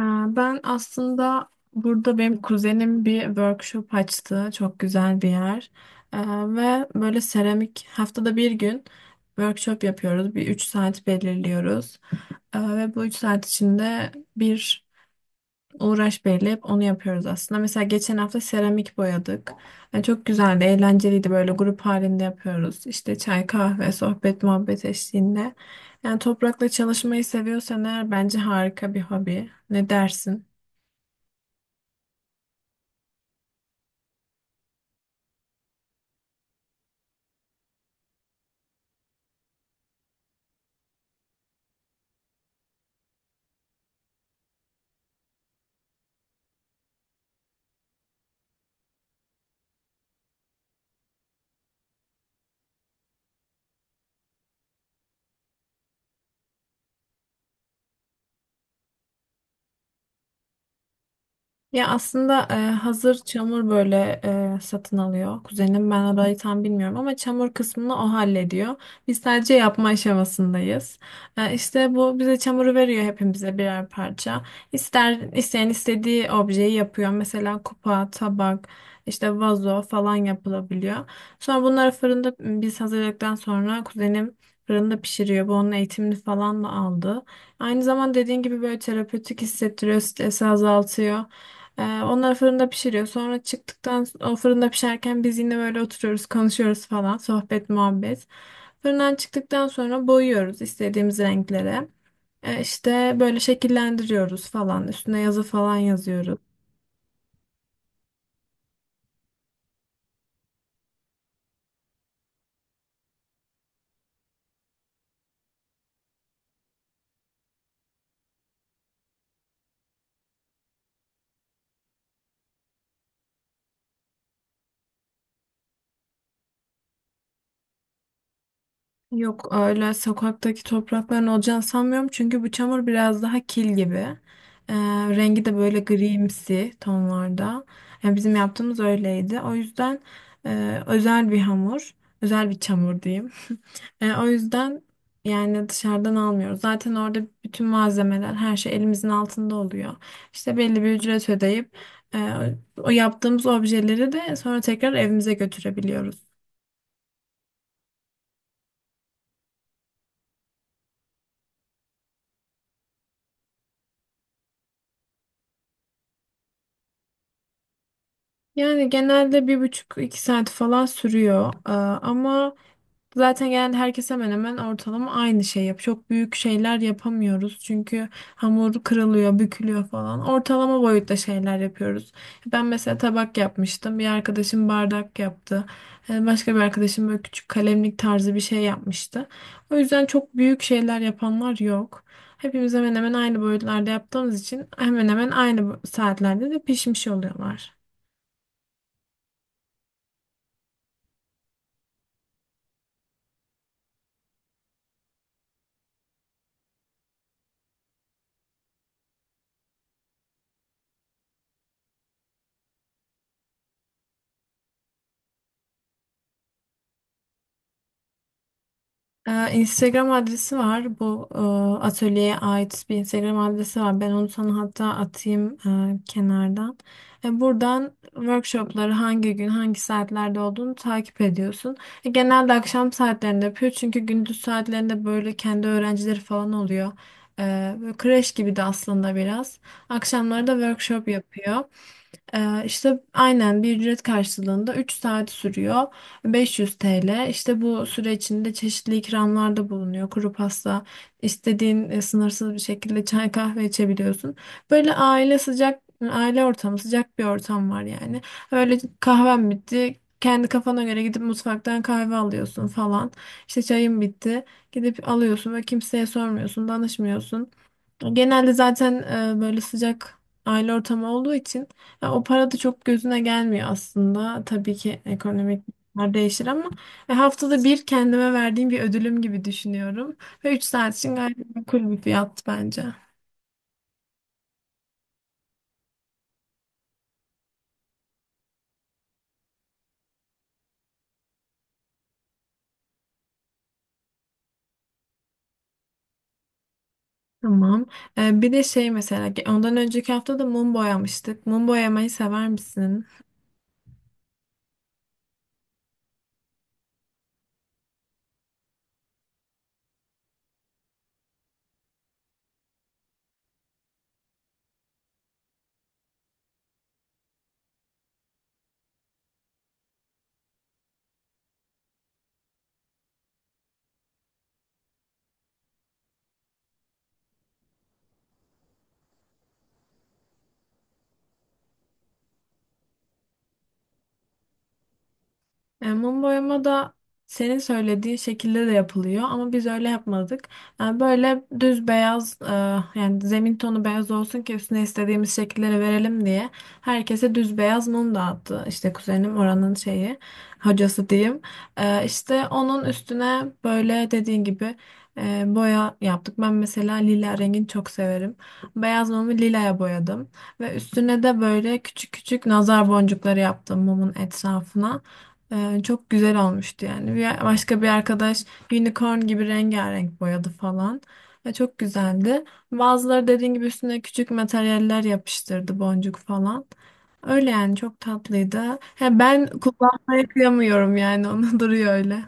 Ee, Ben aslında burada benim kuzenim bir workshop açtı. Çok güzel bir yer. Ee, Ve böyle seramik haftada bir gün workshop yapıyoruz. Bir 3 saat belirliyoruz. Ve bu 3 saat içinde bir uğraş belirleyip onu yapıyoruz aslında. Mesela geçen hafta seramik boyadık. Yani çok güzeldi, eğlenceliydi. Böyle grup halinde yapıyoruz. İşte çay, kahve, sohbet, muhabbet eşliğinde. Yani toprakla çalışmayı seviyorsan eğer bence harika bir hobi. Ne dersin? Ya aslında hazır çamur böyle satın alıyor kuzenim. Ben orayı tam bilmiyorum ama çamur kısmını o hallediyor. Biz sadece yapma aşamasındayız. İşte bu bize çamuru veriyor hepimize birer parça. İster isteyen istediği objeyi yapıyor. Mesela kupa, tabak, işte vazo falan yapılabiliyor. Sonra bunları biz hazırladıktan sonra kuzenim fırında pişiriyor. Bu onun eğitimini falan da aldı. Aynı zaman dediğin gibi böyle terapötik hissettiriyor, stresi azaltıyor. Onlar fırında pişiriyor. Sonra çıktıktan o fırında pişerken biz yine böyle oturuyoruz, konuşuyoruz falan. Sohbet, muhabbet. Fırından çıktıktan sonra boyuyoruz istediğimiz renklere. İşte böyle şekillendiriyoruz falan. Üstüne yazı falan yazıyoruz. Yok öyle sokaktaki toprakların olacağını sanmıyorum. Çünkü bu çamur biraz daha kil gibi. Ee, Rengi de böyle grimsi tonlarda. Yani bizim yaptığımız öyleydi. O yüzden özel bir hamur, özel bir çamur diyeyim. O yüzden yani dışarıdan almıyoruz. Zaten orada bütün malzemeler, her şey elimizin altında oluyor. İşte belli bir ücret ödeyip e, o yaptığımız objeleri de sonra tekrar evimize götürebiliyoruz. Yani genelde bir buçuk iki saat falan sürüyor. Ama zaten genelde herkes hemen hemen ortalama aynı şey yap. Çok büyük şeyler yapamıyoruz. Çünkü hamur kırılıyor, bükülüyor falan. Ortalama boyutta şeyler yapıyoruz. Ben mesela tabak yapmıştım. Bir arkadaşım bardak yaptı. Başka bir arkadaşım böyle küçük kalemlik tarzı bir şey yapmıştı. O yüzden çok büyük şeyler yapanlar yok. Hepimiz hemen hemen aynı boyutlarda yaptığımız için hemen hemen aynı saatlerde de pişmiş oluyorlar. Instagram adresi var. Bu atölyeye ait bir Instagram adresi var. Ben onu sana hatta atayım kenardan. Buradan workshopları hangi gün, hangi saatlerde olduğunu takip ediyorsun. Genelde akşam saatlerinde yapıyor. Çünkü gündüz saatlerinde böyle kendi öğrencileri falan oluyor. Böyle kreş gibi de aslında biraz. Akşamları da workshop yapıyor. İşte aynen bir ücret karşılığında 3 saat sürüyor. 500 TL. İşte bu süre içinde çeşitli ikramlarda bulunuyor. Kuru pasta, istediğin sınırsız bir şekilde çay kahve içebiliyorsun. Böyle aile sıcak, aile ortamı sıcak bir ortam var yani. Öyle kahven bitti. Kendi kafana göre gidip mutfaktan kahve alıyorsun falan. İşte çayın bitti. Gidip alıyorsun ve kimseye sormuyorsun, danışmıyorsun. Genelde zaten böyle sıcak aile ortamı olduğu için ya o para da çok gözüne gelmiyor aslında. Tabii ki ekonomik bunlar değişir ama haftada bir kendime verdiğim bir ödülüm gibi düşünüyorum. Ve 3 saat için gayet makul bir fiyat bence. Tamam. Bir de şey mesela ondan önceki hafta da mum boyamıştık. Mum boyamayı sever misin? Mum boyama da senin söylediğin şekilde de yapılıyor ama biz öyle yapmadık. Böyle düz beyaz yani zemin tonu beyaz olsun ki üstüne istediğimiz şekilleri verelim diye herkese düz beyaz mum dağıttı. İşte kuzenim oranın şeyi hocası diyeyim. İşte onun üstüne böyle dediğin gibi boya yaptık. Ben mesela lila rengini çok severim. Beyaz mumu lilaya boyadım ve üstüne de böyle küçük küçük nazar boncukları yaptım mumun etrafına. Çok güzel olmuştu yani. Bir, başka bir arkadaş unicorn gibi rengarenk boyadı falan. Ve çok güzeldi. Bazıları dediğin gibi üstüne küçük materyaller yapıştırdı boncuk falan. Öyle yani çok tatlıydı. Ha, ben kullanmaya kıyamıyorum yani onu. Duruyor öyle.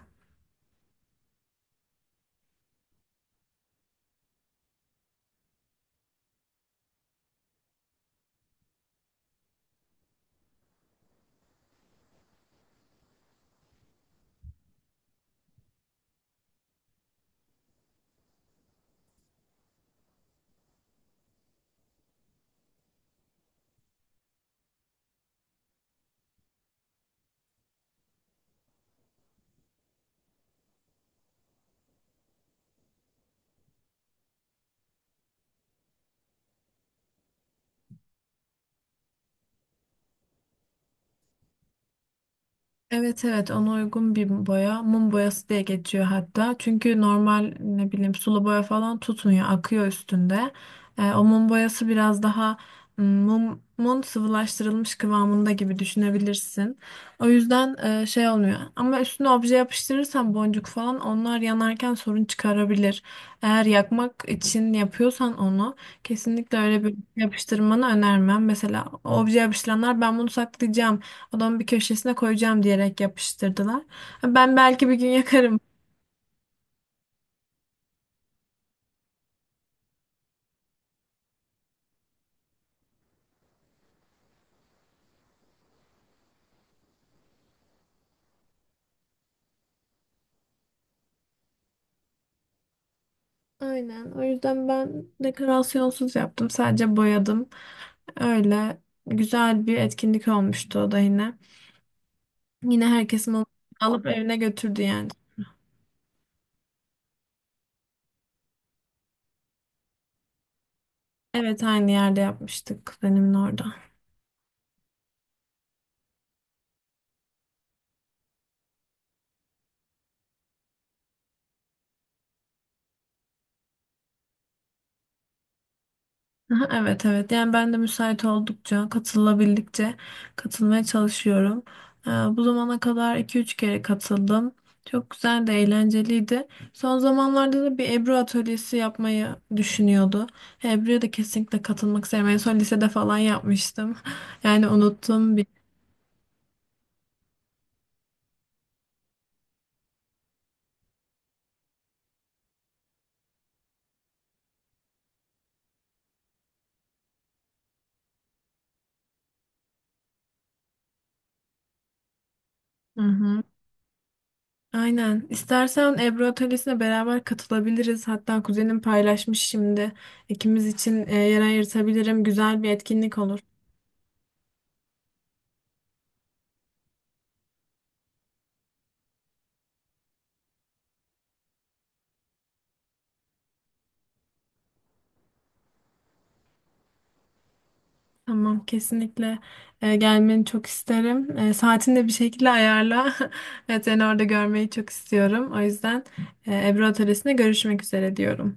Evet evet, ona uygun bir boya. Mum boyası diye geçiyor hatta. Çünkü normal ne bileyim sulu boya falan tutmuyor. Akıyor üstünde. O mum boyası biraz daha mumun sıvılaştırılmış kıvamında gibi düşünebilirsin. O yüzden şey olmuyor. Ama üstüne obje yapıştırırsan boncuk falan onlar yanarken sorun çıkarabilir. Eğer yakmak için yapıyorsan onu kesinlikle öyle bir yapıştırmanı önermem. Mesela obje yapıştıranlar ben bunu saklayacağım odamın bir köşesine koyacağım diyerek yapıştırdılar. Ben belki bir gün yakarım. Aynen. O yüzden ben dekorasyonsuz yaptım. Sadece boyadım. Öyle güzel bir etkinlik olmuştu o da yine. Yine herkesin onu alıp evine götürdü yani. Evet aynı yerde yapmıştık benim orada. Aha, evet evet, yani ben de müsait oldukça katılabildikçe katılmaya çalışıyorum. Bu zamana kadar iki üç kere katıldım. Çok güzel de eğlenceliydi. Son zamanlarda da bir Ebru atölyesi yapmayı düşünüyordu. Ebru'ya da kesinlikle katılmak isterim. En son lisede falan yapmıştım. Yani unuttum bir. Hı hı. Aynen. İstersen Ebru atölyesine beraber katılabiliriz. Hatta kuzenim paylaşmış şimdi. İkimiz için yer ayırtabilirim. Güzel bir etkinlik olur. Tamam, kesinlikle gelmeni çok isterim. Saatini de bir şekilde ayarla. Evet, seni orada görmeyi çok istiyorum. O yüzden Ebru Atölyesi'nde görüşmek üzere diyorum.